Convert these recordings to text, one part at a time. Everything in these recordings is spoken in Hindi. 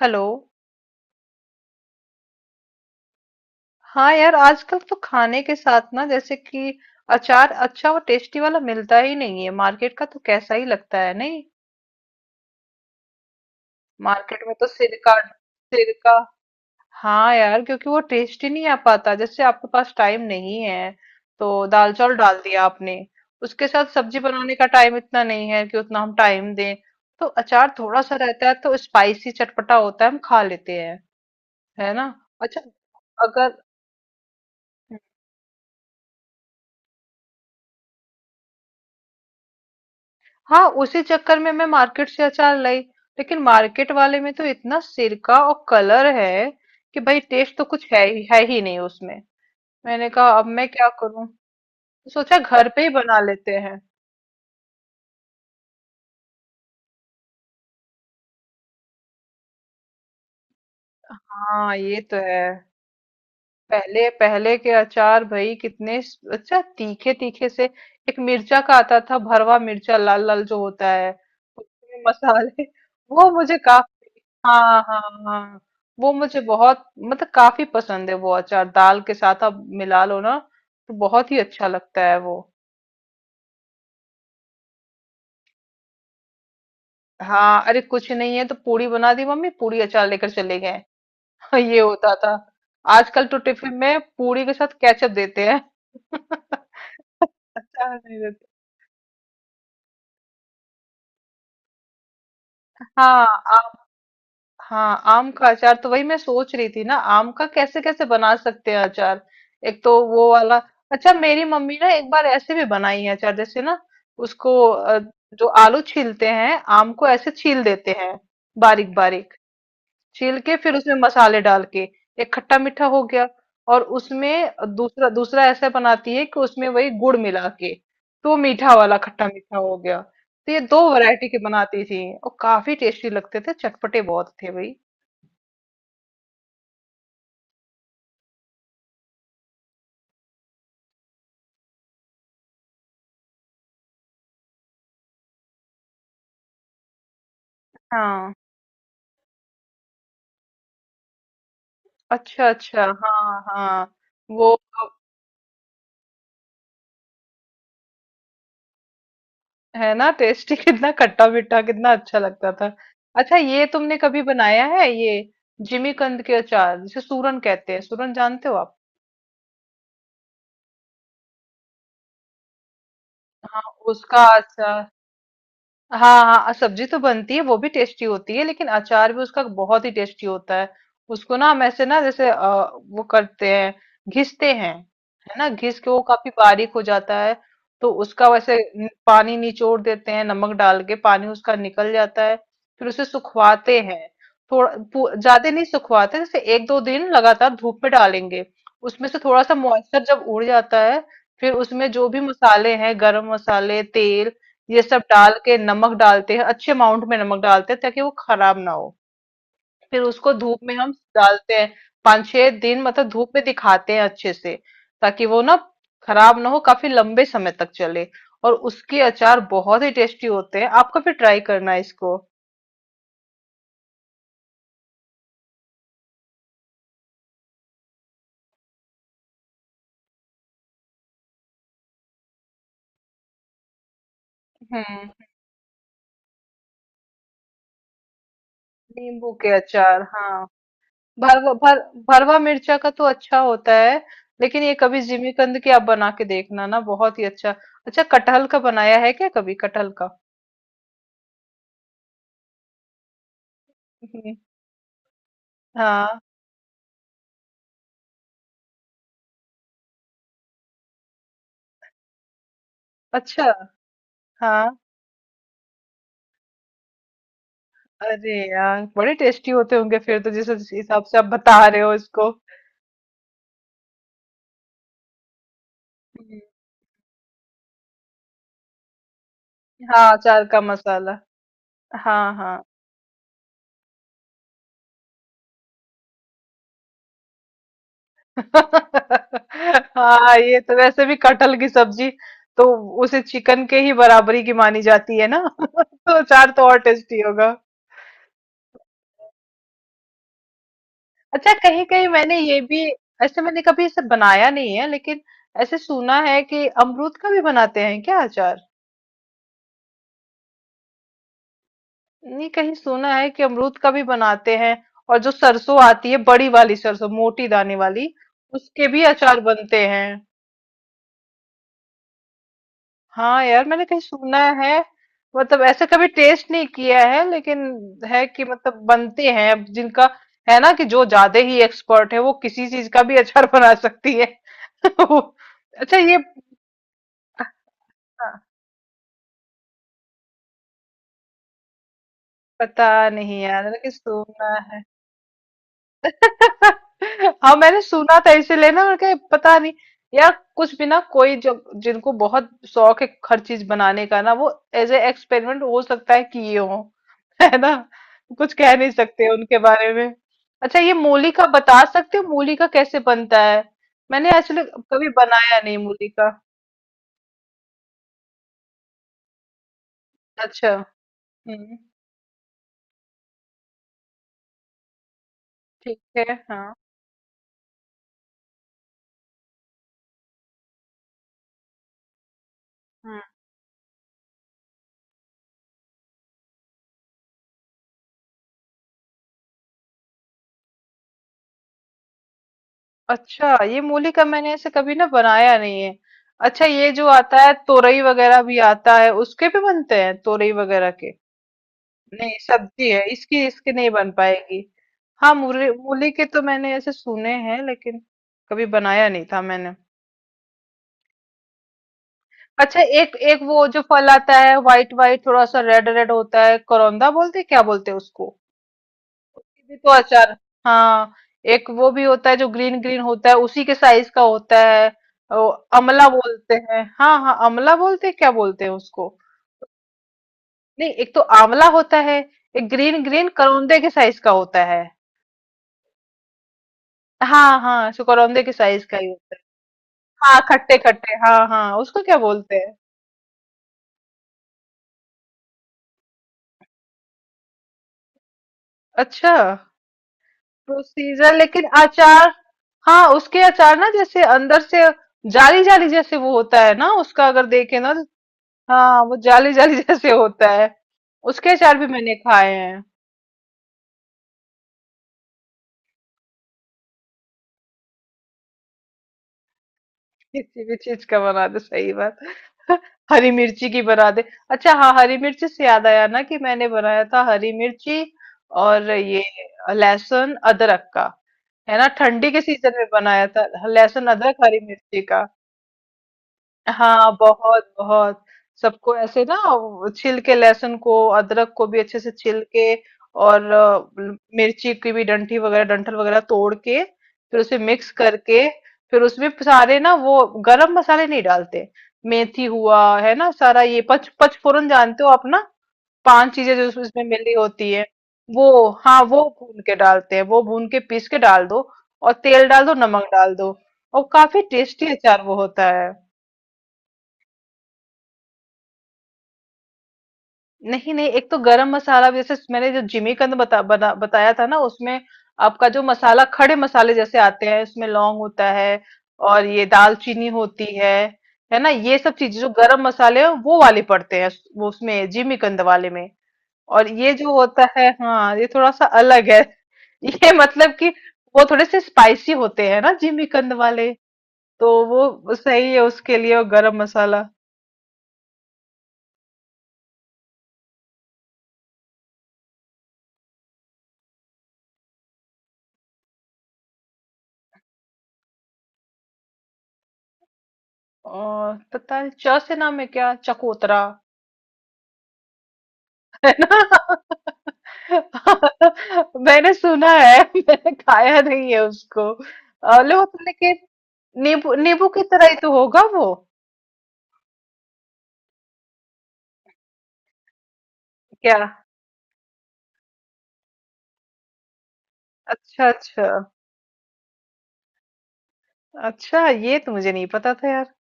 हेलो। हाँ यार, आजकल तो खाने के साथ ना, जैसे कि अचार अच्छा और टेस्टी वाला मिलता ही नहीं है। मार्केट का तो कैसा ही लगता है नहीं। मार्केट में तो सिरका सिरका हाँ यार, क्योंकि वो टेस्टी नहीं आ पाता। जैसे आपके पास टाइम नहीं है तो दाल चावल डाल दिया आपने, उसके साथ सब्जी बनाने का टाइम इतना नहीं है कि उतना हम टाइम दें। तो अचार थोड़ा सा रहता है तो स्पाइसी चटपटा होता है, हम खा लेते हैं। है ना। अच्छा। अगर हाँ, उसी चक्कर में मैं मार्केट से अचार लाई, लेकिन मार्केट वाले में तो इतना सिरका और कलर है कि भाई टेस्ट तो कुछ है ही नहीं उसमें। मैंने कहा अब मैं क्या करूं, तो सोचा घर पे ही बना लेते हैं। हाँ ये तो है। पहले पहले के अचार भाई कितने अच्छा तीखे तीखे से। एक मिर्चा का आता था, भरवा मिर्चा, लाल लाल जो होता है उसमें मसाले, वो मुझे काफी हाँ हाँ। हाँ वो मुझे बहुत मतलब काफी पसंद है। वो अचार दाल के साथ आप मिला लो ना, तो बहुत ही अच्छा लगता है वो। हाँ। अरे कुछ नहीं है तो पूड़ी बना दी मम्मी, पूड़ी अचार लेकर चले गए। ये होता था। आजकल तो टिफिन में पूड़ी के साथ केचप देते हैं। अचार नहीं देते। हाँ। आम। हाँ आम का अचार, तो वही मैं सोच रही थी ना, आम का कैसे कैसे बना सकते हैं अचार। एक तो वो वाला अच्छा, मेरी मम्मी ना एक बार ऐसे भी बनाई है अचार जैसे ना। उसको अ, जो आलू छीलते हैं आम को ऐसे छील देते हैं, बारीक बारीक। छील के फिर उसमें मसाले डाल के, एक खट्टा मीठा हो गया। और उसमें दूसरा दूसरा ऐसा बनाती है कि उसमें वही गुड़ मिला के, तो मीठा वाला खट्टा मीठा हो गया। तो ये दो वैरायटी के बनाती थी, और काफी टेस्टी लगते थे, चटपटे बहुत थे भाई। हाँ अच्छा अच्छा, हाँ हाँ वो। है ना टेस्टी। कितना खट्टा मीठा, कितना अच्छा लगता था। अच्छा ये तुमने कभी बनाया है ये, जिमीकंद के अचार, जिसे सूरन कहते हैं। सूरन जानते हो आप। हाँ उसका अचार। हाँ, हाँ, सब्जी तो बनती है, वो भी टेस्टी होती है, लेकिन अचार भी उसका बहुत ही टेस्टी होता है। उसको ना हम ऐसे ना, वो करते हैं, घिसते हैं। है ना, घिस के वो काफी बारीक हो जाता है। तो उसका वैसे पानी निचोड़ देते हैं, नमक डाल के पानी उसका निकल जाता है। फिर उसे सुखवाते हैं, थोड़ा ज्यादा नहीं सुखवाते, जैसे 1 2 दिन लगातार धूप में डालेंगे। उसमें से थोड़ा सा मॉइस्चर जब उड़ जाता है, फिर उसमें जो भी मसाले हैं, गरम मसाले, तेल, ये सब डाल के नमक डालते हैं। अच्छे अमाउंट में नमक डालते हैं ताकि वो खराब ना हो। फिर उसको धूप में हम डालते हैं, 5 6 दिन। मतलब धूप में दिखाते हैं अच्छे से, ताकि वो ना खराब ना हो, काफी लंबे समय तक चले। और उसके अचार बहुत ही टेस्टी होते हैं। आपको भी ट्राई करना है इसको। हम्म। नींबू के अचार, हाँ। भरवा भर भरवा मिर्चा का तो अच्छा होता है, लेकिन ये कभी जिमीकंद की आप बना के देखना ना, बहुत ही अच्छा। अच्छा कटहल का बनाया है क्या कभी, कटहल का। हम्म, हाँ। अच्छा, हाँ। अरे यार! बड़े टेस्टी होते होंगे फिर तो, जिस जिस हिसाब से आप बता रहे हो इसको। हुँ। हाँ, अचार का मसाला। हाँ, हाँ। हाँ, ये तो वैसे भी कटहल की सब्जी तो उसे चिकन के ही बराबरी की मानी जाती है ना? तो अचार तो और टेस्टी होगा। अच्छा कहीं-कहीं मैंने ये भी, ऐसे मैंने कभी इसे बनाया नहीं है, लेकिन ऐसे सुना है कि अमरूद का भी बनाते हैं क्या अचार? नहीं कहीं सुना है कि अमरूद का भी बनाते हैं। और जो सरसों आती है, बड़ी वाली सरसों, मोटी दाने वाली, उसके भी अचार बनते हैं। हाँ यार मैंने कहीं सुना है, मतलब ऐसे कभी टेस्ट नहीं किया है, लेकिन है कि मतलब बनते हैं। अब जिनका है ना, कि जो ज्यादा ही एक्सपर्ट है वो किसी चीज का भी अचार बना सकती है। अच्छा ये, हाँ, पता नहीं यार, लेकिन सुना है। हाँ मैंने सुना था, इसीलिए ना मैंने कहा पता नहीं यार। कुछ भी ना, कोई जो, जिनको बहुत शौक है हर चीज बनाने का ना, वो एज ए एक्सपेरिमेंट हो सकता है कि ये हो। है ना, कुछ कह नहीं सकते उनके बारे में। अच्छा ये मूली का बता सकते हो, मूली का कैसे बनता है। मैंने एक्चुअली कभी बनाया नहीं मूली का। अच्छा, हम्म, ठीक है, हाँ। हाँ। अच्छा ये मूली का मैंने ऐसे कभी ना बनाया नहीं है। अच्छा ये जो आता है तोरई वगैरह भी आता है, उसके भी बनते हैं तोरई वगैरह के। नहीं सब्जी है इसकी, इसकी नहीं बन पाएगी। हाँ मूली मूली के तो मैंने ऐसे सुने हैं, लेकिन कभी बनाया नहीं था मैंने। अच्छा एक एक वो जो फल आता है, व्हाइट व्हाइट थोड़ा सा रेड रेड होता है, करौंदा बोलते हैं, क्या बोलते हैं उसको, भी तो अचार। हाँ एक वो भी होता है जो ग्रीन ग्रीन होता है, उसी के साइज का होता है। ओ, अमला बोलते हैं, हाँ हाँ अमला बोलते हैं, क्या बोलते हैं उसको। नहीं एक तो आंवला होता है, एक ग्रीन ग्रीन करौंदे के साइज का होता है। हाँ हाँ, सो करौंदे के साइज का ही होता है। हाँ खट्टे खट्टे, हाँ हाँ, उसको क्या बोलते हैं। अच्छा, प्रोसीजर लेकिन अचार। हाँ उसके अचार ना, जैसे अंदर से जाली जाली जैसे वो होता है ना, उसका अगर देखे ना तो, हाँ, वो जाली जाली जैसे होता है। उसके अचार भी मैंने खाए हैं। किसी भी चीज का बना दे, सही बात। हरी मिर्ची की बना दे। अच्छा हाँ हरी मिर्ची से याद आया ना कि मैंने बनाया था हरी मिर्ची और ये लहसुन अदरक का। है ना, ठंडी के सीजन में बनाया था लहसुन अदरक हरी मिर्ची का। हाँ बहुत बहुत। सबको ऐसे ना वो छील के, लहसुन को, अदरक को भी अच्छे से छील के, और मिर्ची की भी डंठी वगैरह, डंठल वगैरह तोड़ के फिर उसे मिक्स करके, फिर उसमें सारे ना वो गरम मसाले नहीं डालते। मेथी हुआ है ना सारा, ये पच पचफोरन जानते हो आप ना, 5 चीजें जो उसमें मिली होती है, वो हाँ वो भून के डालते हैं, वो भून के पीस के डाल दो और तेल डाल दो, नमक डाल दो, और काफी टेस्टी अचार वो होता है। नहीं, नहीं, एक तो गरम मसाला भी, जैसे मैंने जो जिमीकंद बता बना बताया था ना, उसमें आपका जो मसाला खड़े मसाले जैसे आते हैं, इसमें लौंग होता है और ये दालचीनी होती है। है ना ये सब चीजें जो गरम मसाले हैं, वो वाले पड़ते हैं, वो उसमें जिमीकंद वाले में। और ये जो होता है हाँ, ये थोड़ा सा अलग है। ये मतलब कि वो थोड़े से स्पाइसी होते हैं ना जिमीकंद वाले, तो वो सही है उसके लिए और गरम मसाला। और पता नहीं च से नाम है, क्या, चकोतरा। है ना। मैंने सुना है, मैंने खाया नहीं है उसको। लो, लेकिन नींबू, नींबू की तरह ही तो होगा वो। क्या अच्छा अच्छा। अच्छा ये तो मुझे नहीं पता था यार।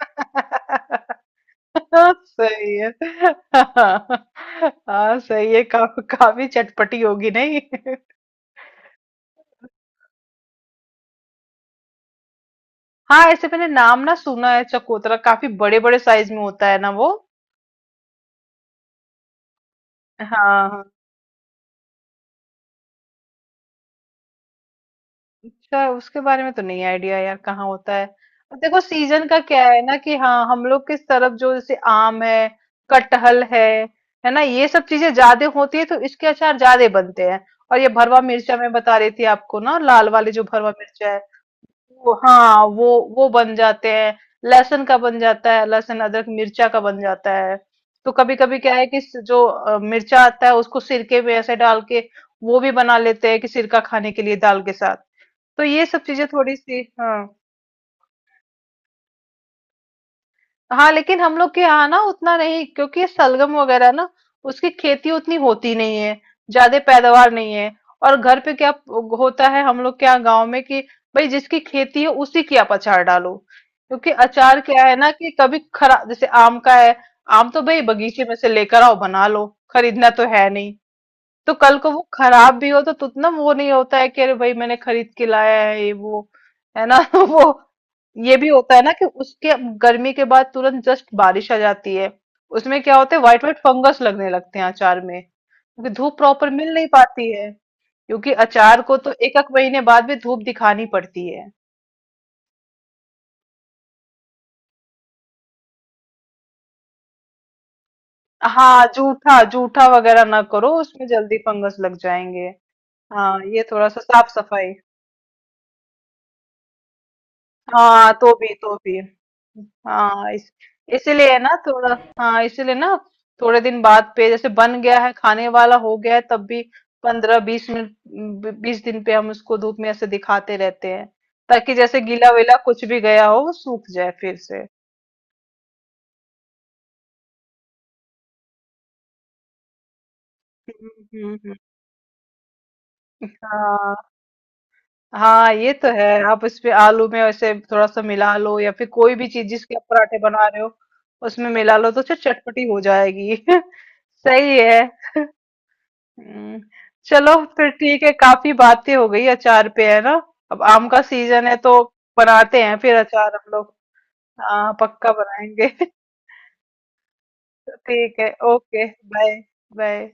सही है। हाँ। हाँ, सही है का, काफी चटपटी होगी नहीं। हाँ ऐसे मैंने नाम ना सुना है, चकोतरा काफी बड़े बड़े साइज में होता है ना वो। हाँ। हाँ। अच्छा उसके बारे में तो नहीं आइडिया यार, कहाँ होता है। अब देखो सीजन का क्या है ना, कि हाँ हम लोग किस तरफ जो जैसे आम है, कटहल है ना, ये सब चीजें ज्यादा होती है तो इसके अचार ज्यादा बनते हैं। और ये भरवा मिर्चा मैं बता रही थी आपको ना, लाल वाले जो भरवा मिर्चा है, वो हाँ वो बन जाते हैं। लहसुन का बन जाता है, लहसुन अदरक मिर्चा का बन जाता है। तो कभी कभी क्या है कि जो मिर्चा आता है उसको सिरके में ऐसे डाल के वो भी बना लेते हैं, कि सिरका खाने के लिए दाल के साथ। तो ये सब चीजें थोड़ी सी, हाँ। हाँ लेकिन हम लोग के यहाँ ना उतना नहीं, क्योंकि ये सलगम वगैरह ना, उसकी खेती उतनी होती नहीं है, ज्यादा पैदावार नहीं है। और घर पे क्या होता है हम लोग के यहाँ गाँव में, कि भाई जिसकी खेती है उसी की आप अचार डालो, क्योंकि अचार क्या है ना कि कभी खरा जैसे आम का है, आम तो भाई बगीचे में से लेकर आओ बना लो, खरीदना तो है नहीं। तो कल को वो खराब भी हो तो उतना वो नहीं होता है कि अरे भाई मैंने खरीद के लाया है ये वो। है ना। वो ये भी होता है ना कि उसके गर्मी के बाद तुरंत जस्ट बारिश आ जाती है, उसमें क्या होता है व्हाइट व्हाइट फंगस लगने लगते हैं अचार में, क्योंकि धूप प्रॉपर मिल नहीं पाती है। क्योंकि अचार को तो 1 1 महीने बाद भी धूप दिखानी पड़ती है। हाँ जूठा जूठा वगैरह ना करो उसमें, जल्दी फंगस लग जाएंगे। हाँ ये थोड़ा सा साफ सफाई। हाँ तो भी। हाँ इस इसीलिए ना थोड़ा, हाँ इसीलिए ना थोड़े दिन बाद पे, जैसे बन गया है, खाने वाला हो गया है, तब भी 15 20 मिनट, 20 दिन पे हम उसको धूप में ऐसे दिखाते रहते हैं, ताकि जैसे गीला वीला कुछ भी गया हो वो सूख जाए फिर से। हम्म, हम्म, हम्म। हाँ। हाँ ये तो है, आप इस पे आलू में ऐसे थोड़ा सा मिला लो, या फिर कोई भी चीज जिसके आप पराठे बना रहे हो उसमें मिला लो तो चटपटी हो जाएगी। सही है। हम्म। चलो फिर ठीक है, काफी बातें हो गई अचार पे, है ना। अब आम का सीजन है तो बनाते हैं फिर अचार हम लोग। हाँ पक्का बनाएंगे। ठीक है, ओके, बाय। बाय।